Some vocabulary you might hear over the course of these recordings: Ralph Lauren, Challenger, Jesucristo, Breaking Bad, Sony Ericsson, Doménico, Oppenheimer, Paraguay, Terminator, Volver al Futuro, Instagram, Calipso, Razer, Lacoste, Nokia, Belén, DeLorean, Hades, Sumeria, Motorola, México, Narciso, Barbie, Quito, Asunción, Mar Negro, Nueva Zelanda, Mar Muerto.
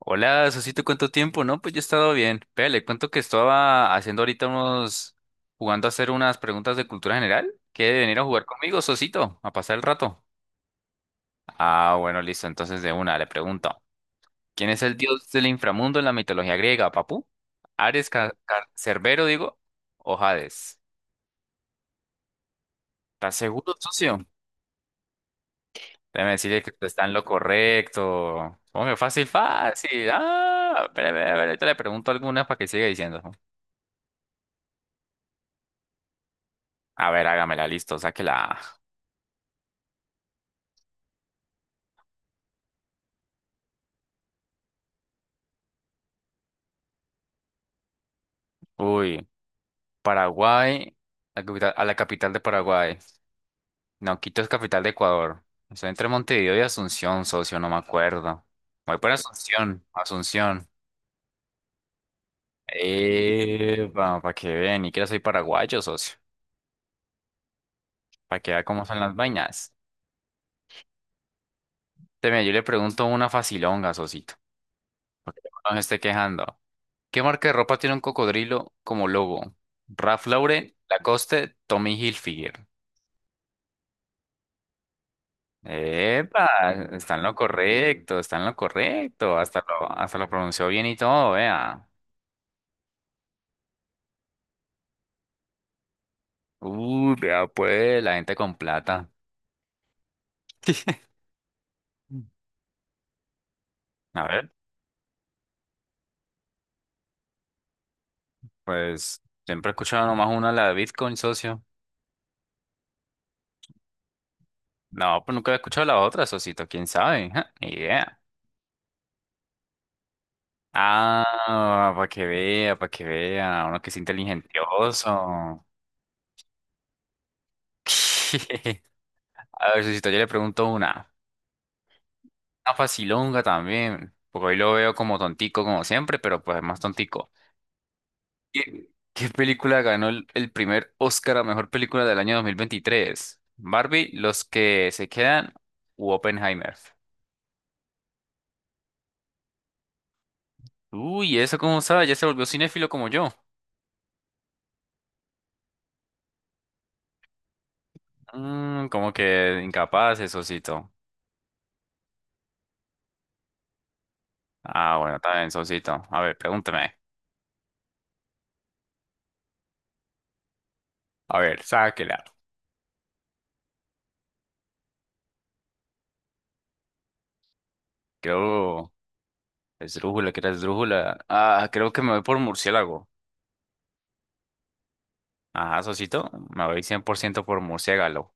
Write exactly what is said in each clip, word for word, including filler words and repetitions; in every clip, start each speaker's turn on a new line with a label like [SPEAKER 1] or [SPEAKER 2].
[SPEAKER 1] Hola, Sosito, ¿cuánto tiempo? No, pues yo he estado bien. Vea, le cuento que estaba haciendo ahorita unos, jugando a hacer unas preguntas de cultura general. ¿Quiere venir a jugar conmigo, Sosito? A pasar el rato. Ah, bueno, listo. Entonces de una, le pregunto. ¿Quién es el dios del inframundo en la mitología griega, Papú? ¿Ares, Ca- Ca- Cerbero, digo? ¿O Hades? ¿Estás seguro, socio? Déjeme decirle que usted está en lo correcto. Hombre, fácil, fácil. Ah, espere, espere, espere, ahorita le pregunto algunas para que siga diciendo. A ver, hágamela, listo, sáquela. Uy, Paraguay, la capital- a la capital de Paraguay. No, Quito es capital de Ecuador. Estoy entre Montevideo y Asunción, socio, no me acuerdo. Voy por Asunción, Asunción. Eh, para que vean, ni siquiera soy paraguayo, socio. Para que vea cómo son las vainas. Teme, yo le pregunto una facilonga, socito. No me esté quejando. ¿Qué marca de ropa tiene un cocodrilo como logo? Ralph Lauren, Lacoste, Tommy Hilfiger. Epa, está en lo correcto, está en lo correcto. Hasta lo, hasta lo pronunció bien y todo, vea. Uy, vea, pues, la gente con plata. A ver, pues, siempre he escuchado nomás una, la de Bitcoin, socio. No, pues nunca he escuchado la otra, socito, quién sabe. Ja, ni idea. Ah, para que vea, para que vea. Uno que es inteligentioso. A ver, socito, yo le pregunto una. Una facilonga también, porque hoy lo veo como tontico como siempre, pero pues más tontico. ¿Qué, qué película ganó el, el primer Oscar a mejor película del año dos mil veintitrés? ¿Barbie, Los que se quedan u Oppenheimer? Uy, ¿eso cómo sabe? Ya se volvió cinéfilo como yo. Mm, como que incapaz, eh, Sosito. Ah, bueno, también, Sosito. A ver, pregúntame. A ver, sáquela. Creo... Esdrújula, ¿qué era esdrújula? Ah, creo que me voy por murciélago. Ajá, Sosito, me voy cien por ciento por ciento por murciélago.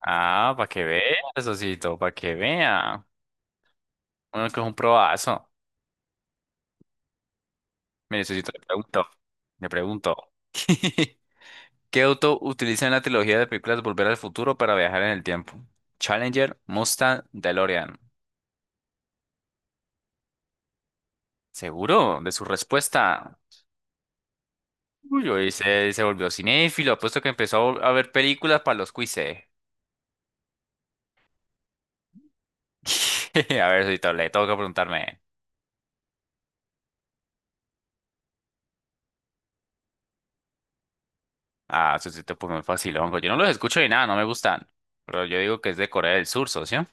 [SPEAKER 1] Ah, para que vea, Sosito, para que vea. Uno que es un probazo. Mire, Sosito, le pregunto. Le pregunto. ¿Qué auto utiliza en la trilogía de películas Volver al Futuro para viajar en el tiempo? Challenger, Mustang, DeLorean. ¿Seguro de su respuesta? Uy, hoy se, se volvió cinéfilo, apuesto que empezó a ver películas para los quizzes. A ver, Sosito, le tengo que preguntarme. Ah, eso sí te puso muy facilón. Pues yo no los escucho ni nada, no me gustan. Pero yo digo que es de Corea del Sur, socio.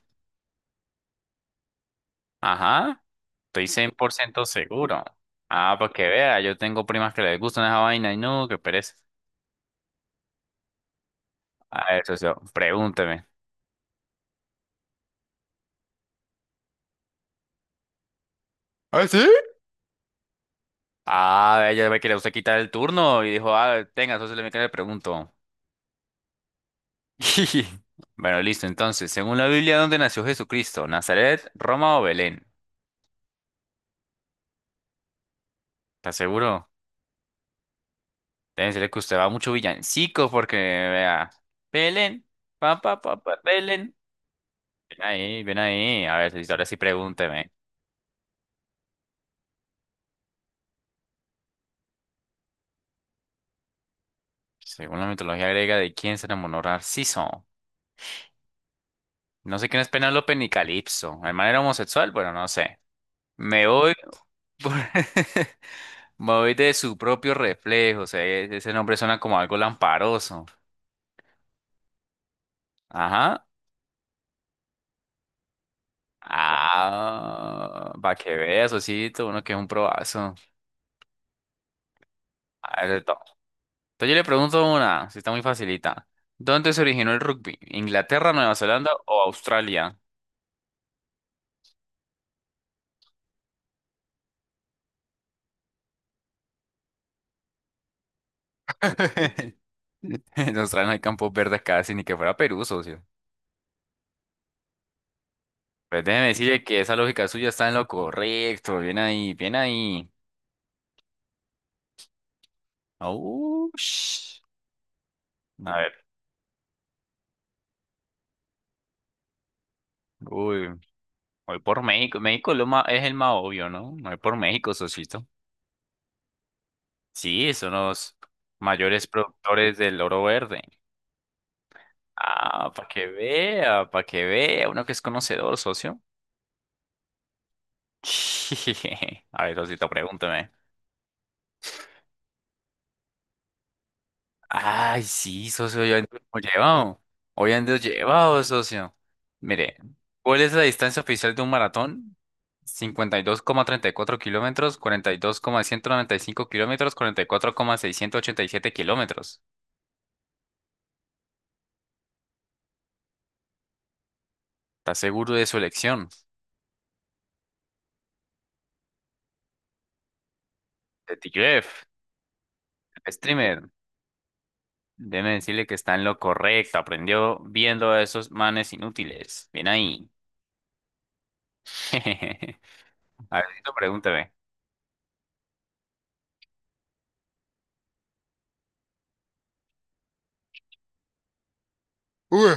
[SPEAKER 1] Ajá, estoy cien por ciento seguro. Ah, para que vea, yo tengo primas que les gustan esa vaina y no, qué pereza. A ver, socio, pregúnteme. ¿Ah, sí? Ah, ella ve que le gusta quitar el turno y dijo, ah, tenga, socio, le me le pregunto. Bueno, listo, entonces, según la Biblia, ¿dónde nació Jesucristo? ¿Nazaret, Roma o Belén? ¿Estás seguro? Debe ser que usted va mucho villancico porque vea. Belén, pa, pa, pa, pa, Belén. Ven ahí, ven ahí. A ver, si, ahora sí pregúnteme. Según la mitología griega, ¿de quién se enamoró Narciso? No sé quién es Penélope ni Calipso. ¿El man era homosexual? Bueno, no sé. Me voy por- Me voy de su propio reflejo. O sea, e- ese nombre suena como algo lamparoso. Ajá. Ah, para que veas, Osito, uno que es un probazo. A ver, entonces yo le pregunto una, si está muy facilita. ¿Dónde se originó el rugby? ¿Inglaterra, Nueva Zelanda o Australia? En Australia no hay campos verdes casi, ni que fuera Perú, socio. Pues déjeme decirle que esa lógica suya está en lo correcto. Bien ahí, bien ahí. Aush. A ver, uy, voy por México. México es, lo ma- es el más obvio, ¿no? Voy por México, socito. Sí, son los mayores productores del oro verde. Ah, para que vea, para que vea, uno que es conocedor, socio. A ver, Osito, pregúntame. Ay, sí, socio, yo ando como llevado. Hoy ando llevado, socio. Mire, ¿cuál es la distancia oficial de un maratón? Cincuenta y dos coma treinta y cuatro kilómetros, cuarenta y y dos coma ciento noventa y cinco kilómetros, cuarenta y y cuatro coma seiscientos ochenta y siete kilómetros. ¿Estás seguro de su elección? De T G F, streamer. Déjeme decirle que está en lo correcto. Aprendió viendo a esos manes inútiles. Bien ahí. A ver, Osito, pregúntame. Uy.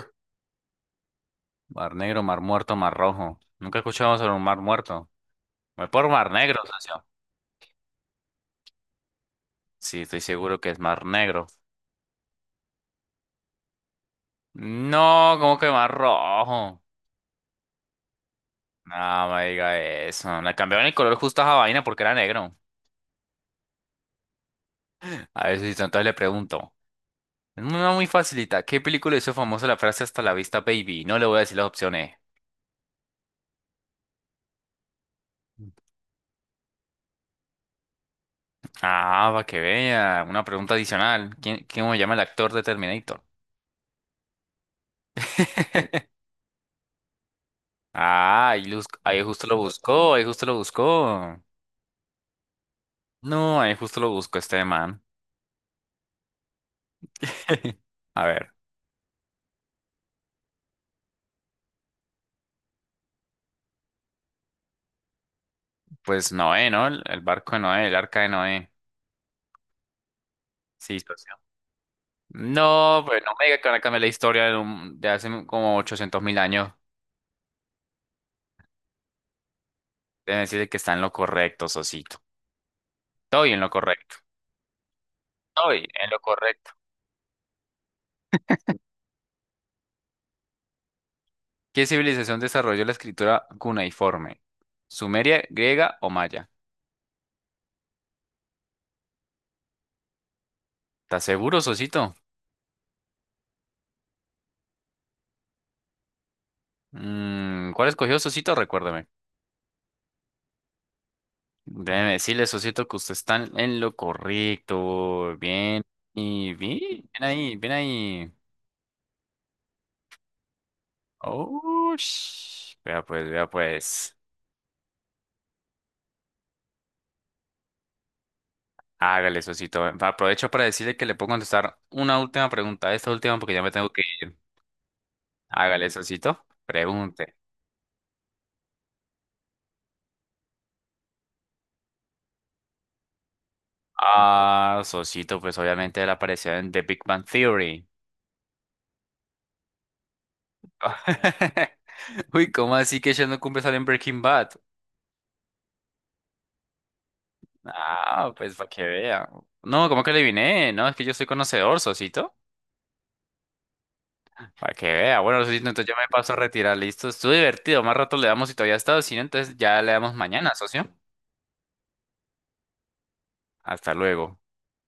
[SPEAKER 1] Mar negro, mar muerto, mar rojo. Nunca escuchamos sobre un mar muerto. Voy por mar negro, socio. Sí, estoy seguro que es mar negro. No, ¿cómo que mar rojo? No, no me diga eso. Le cambiaron el color justo a esa vaina porque era negro. A ver si entonces le pregunto. Es una muy facilita. ¿Qué película hizo famosa la frase hasta la vista, baby? No le voy a decir las opciones. Ah, para que vea. Una pregunta adicional. ¿Quién, cómo se llama el actor de Terminator? Ah, ahí, lus- ahí justo lo buscó, ahí justo lo buscó. No, ahí justo lo busco este man. A ver, pues Noé, ¿no? El, el barco de Noé, el arca de Noé. Sí, socio. No, pues no me diga que van a cambiar la historia de, un- de hace como ochocientos mil años. Deben decirle que está en lo correcto, socito. Estoy en lo correcto. Estoy en lo correcto. ¿Qué civilización desarrolló la escritura cuneiforme? ¿Sumeria, griega o maya? ¿Estás seguro, socito? Mm, ¿cuál escogió, socito? Recuérdame. Déjeme decirle, socito, que usted está en lo correcto. Bien, y bien, bien ahí, bien ahí. Oh, vea pues, vea pues. Hágale, socito. Aprovecho para decirle que le puedo contestar una última pregunta. Esta última porque ya me tengo que ir. Hágale, socito. Pregunte. Ah, socito, pues obviamente él apareció en The Big Bang Theory. Uy, ¿cómo así que ella no cumple salir en Breaking Bad? Ah, pues para que vea. No, ¿cómo que adiviné? No, es que yo soy conocedor, Sosito. Para que vea. Bueno, Sosito, entonces yo me paso a retirar. Listo, estuvo divertido. Más rato le damos si todavía está, si no, entonces ya le damos mañana, socio. Hasta luego.